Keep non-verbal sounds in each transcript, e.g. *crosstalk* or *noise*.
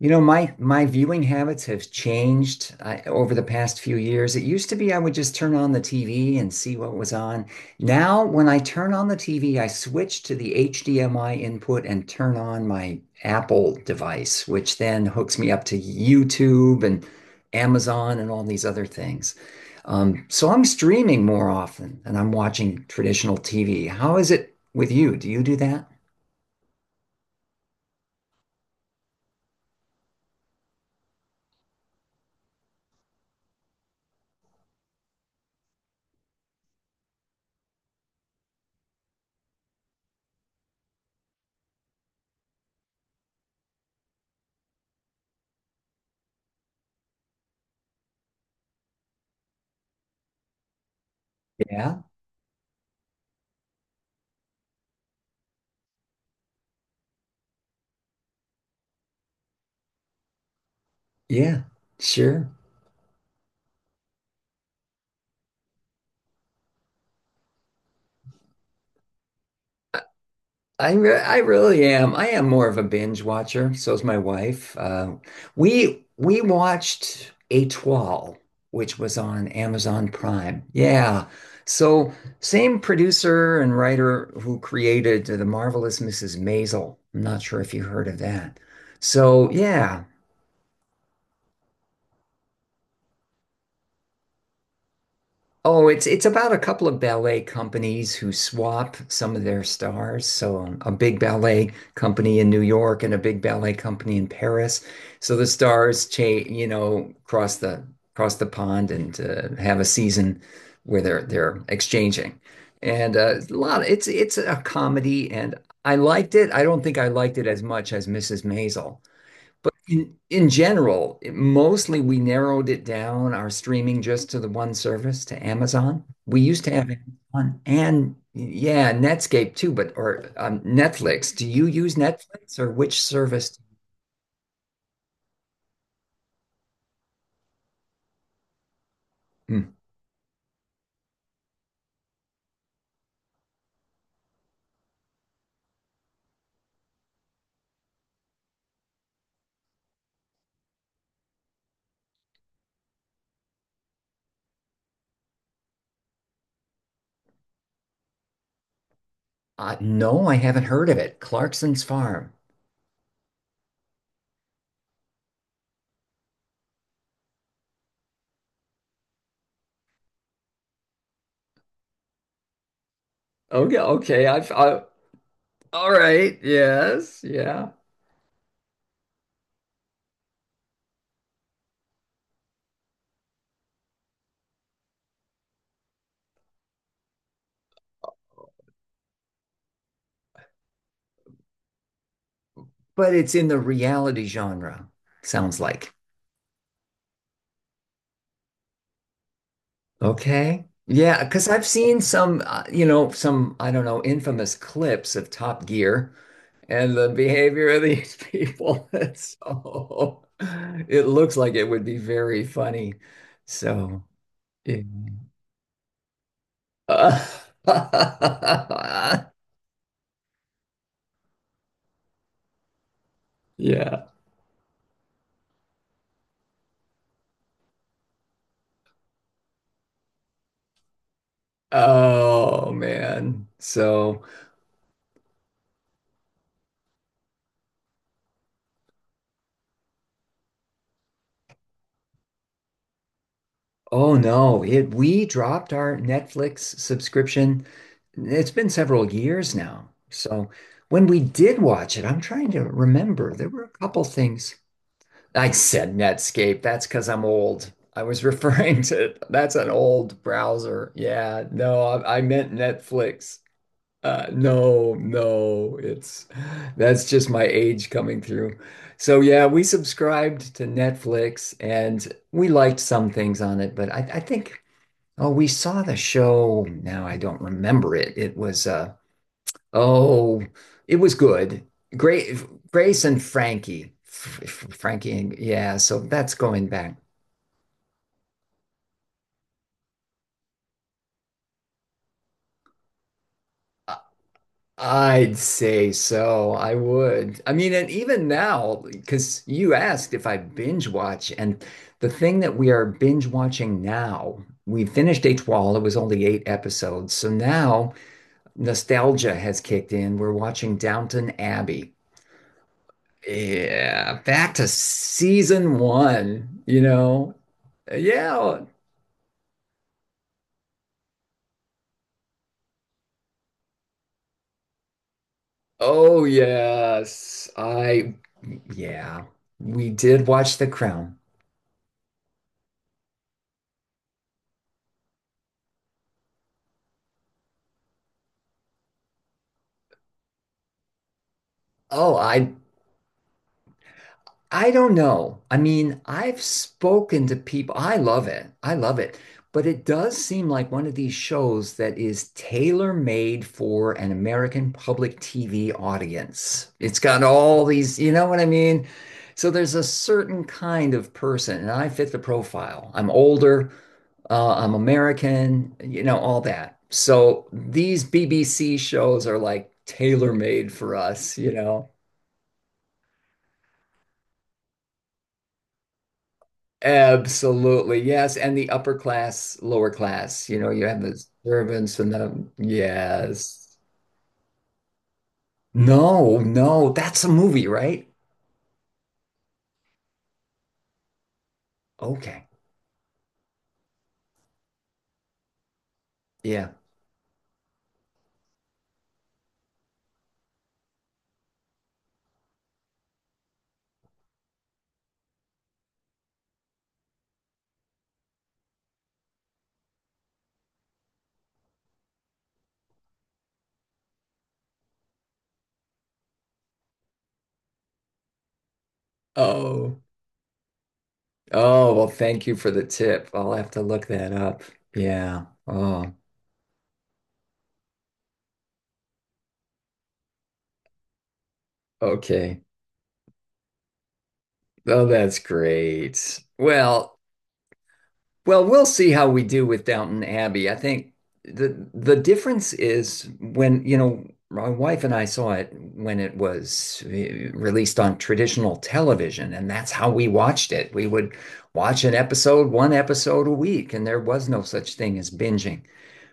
You know, my viewing habits have changed over the past few years. It used to be I would just turn on the TV and see what was on. Now, when I turn on the TV, I switch to the HDMI input and turn on my Apple device, which then hooks me up to YouTube and Amazon and all these other things. So I'm streaming more often and I'm watching traditional TV. How is it with you? Do you do that? Yeah, yeah, sure. I really am. I am more of a binge watcher. So is my wife. We watched Étoile, which was on Amazon Prime. Yeah. So same producer and writer who created The Marvelous Mrs. Maisel. I'm not sure if you heard of that. So, yeah. Oh, it's about a couple of ballet companies who swap some of their stars. So a big ballet company in New York and a big ballet company in Paris. So the stars cha you know, cross the cross the pond and have a season where they're exchanging. And a lot it's a comedy and I liked it. I don't think I liked it as much as Mrs. Maisel. But in general, mostly we narrowed it down our streaming just to the one service, to Amazon. We used to have Amazon and, yeah, Netscape too, but or Netflix. Do you use Netflix or which service? Hmm. No, I haven't heard of it. Clarkson's Farm. Okay, okay. All right. Yes, yeah. But it's in the reality genre, sounds like. Okay. Yeah, because I've seen some, I don't know, infamous clips of Top Gear and the behavior of these people. *laughs* So it looks like it would be very funny. So, yeah. *laughs* Yeah. Oh, man. So. Oh, no, it we dropped our Netflix subscription. It's been several years now. So when we did watch it, I'm trying to remember. There were a couple things. I said Netscape. That's because I'm old. I was *laughs* referring to, that's an old browser. Yeah, no, I meant Netflix. No, no, it's that's just my age coming through. So, yeah, we subscribed to Netflix and we liked some things on it, but I think. Oh, we saw the show. Now I don't remember it. It was uh oh, it was good. Great Grace and Frankie. Frankie and, yeah, so that's going back. I- I'd say so. I would. I mean, and even now, because you asked if I binge watch, and the thing that we are binge watching now, we finished H Wall. It was only eight episodes. So now nostalgia has kicked in. We're watching Downton Abbey. Yeah, back to season one, you know. Yeah. Oh, yes. Yeah, we did watch The Crown. Oh, I don't know. I mean, I've spoken to people. I love it. I love it. But it does seem like one of these shows that is tailor-made for an American public TV audience. It's got all these, you know what I mean? So there's a certain kind of person, and I fit the profile. I'm older, I'm American, all that. So these BBC shows are like tailor-made for us, you know? Absolutely, yes. And the upper class, lower class, you have the servants yes. No, no, that's a movie, right? Okay. Yeah. Oh, oh, well, thank you for the tip. I'll have to look that up. Yeah. Oh, okay. Oh, that's great. Well, we'll see how we do with Downton Abbey. I think the difference is, when, my wife and I saw it when it was released on traditional television, and that's how we watched it. We would watch an episode, one episode a week, and there was no such thing as binging.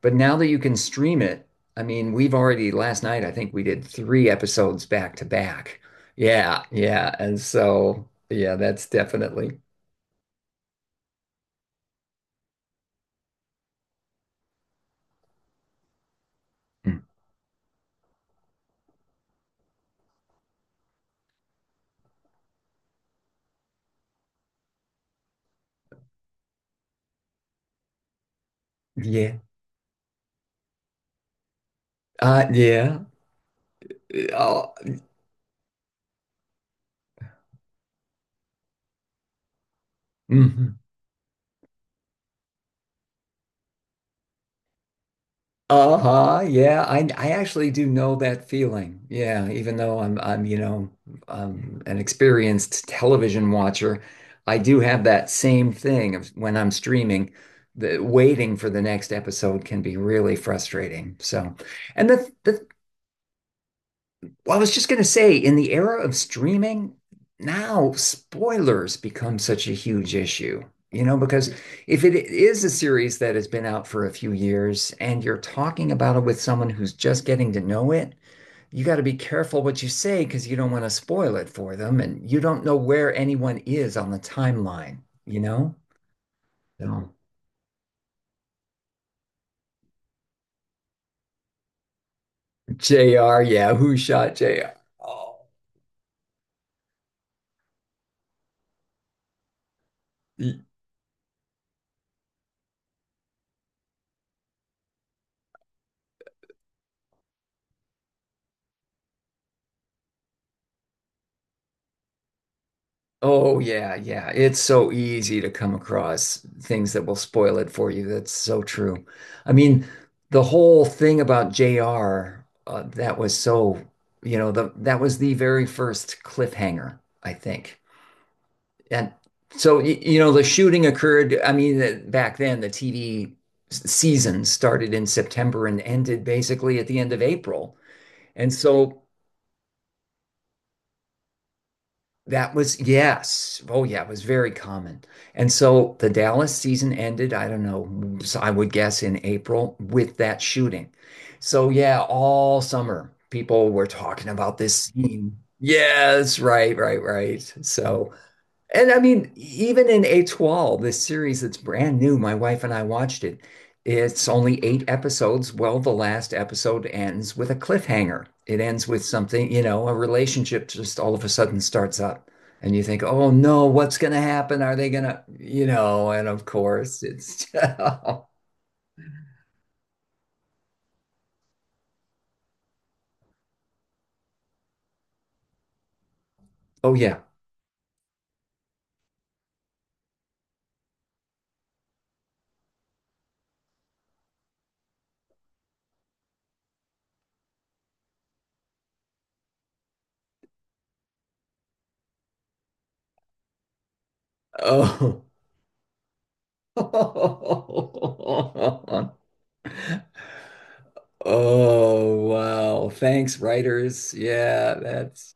But now that you can stream it, I mean, we've already last night, I think we did three episodes back to back. Yeah, yeah. And so, yeah, that's definitely. Mm. Yeah. Yeah. Oh. Hmm. Uh-huh. Yeah, I actually do know that feeling. Yeah, even though I'm, an experienced television watcher, I do have that same thing of when I'm streaming, the waiting for the next episode can be really frustrating. So, and the Well, I was just going to say, in the era of streaming, now spoilers become such a huge issue. You know, because if it is a series that has been out for a few years and you're talking about it with someone who's just getting to know it, you got to be careful what you say because you don't want to spoil it for them and you don't know where anyone is on the timeline, you know? So, JR, yeah, who shot JR? Oh. Oh, yeah, yeah. It's so easy to come across things that will spoil it for you. That's so true. I mean, the whole thing about JR, that was so, you know, the that was the very first cliffhanger, I think. And so, the shooting occurred. I mean, back then the TV season started in September and ended basically at the end of April. And so. That was, yes. Oh, yeah, it was very common. And so the Dallas season ended, I don't know, so I would guess in April with that shooting. So, yeah, all summer people were talking about this scene. Yes, right, right, right. So, and I mean, even in A12, this series that's brand new, my wife and I watched it. It's only eight episodes. Well, the last episode ends with a cliffhanger. It ends with something, a relationship just all of a sudden starts up. And you think, oh, no, what's going to happen? Are they going to, and of course it's, *laughs* oh, yeah. Oh. *laughs* Oh, wow. Thanks, writers. Yeah, that's.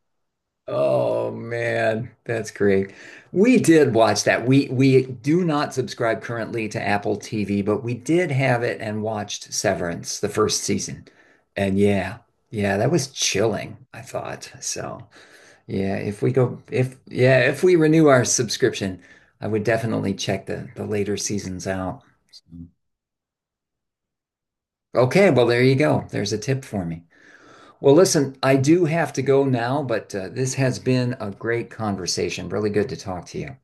Oh, man, that's great. We did watch that. We do not subscribe currently to Apple TV, but we did have it and watched Severance, the first season. And yeah, yeah, that was chilling, I thought. So, yeah, if we go if yeah, if we renew our subscription, I would definitely check the later seasons out. Okay, well, there you go. There's a tip for me. Well, listen, I do have to go now, but this has been a great conversation. Really good to talk to you.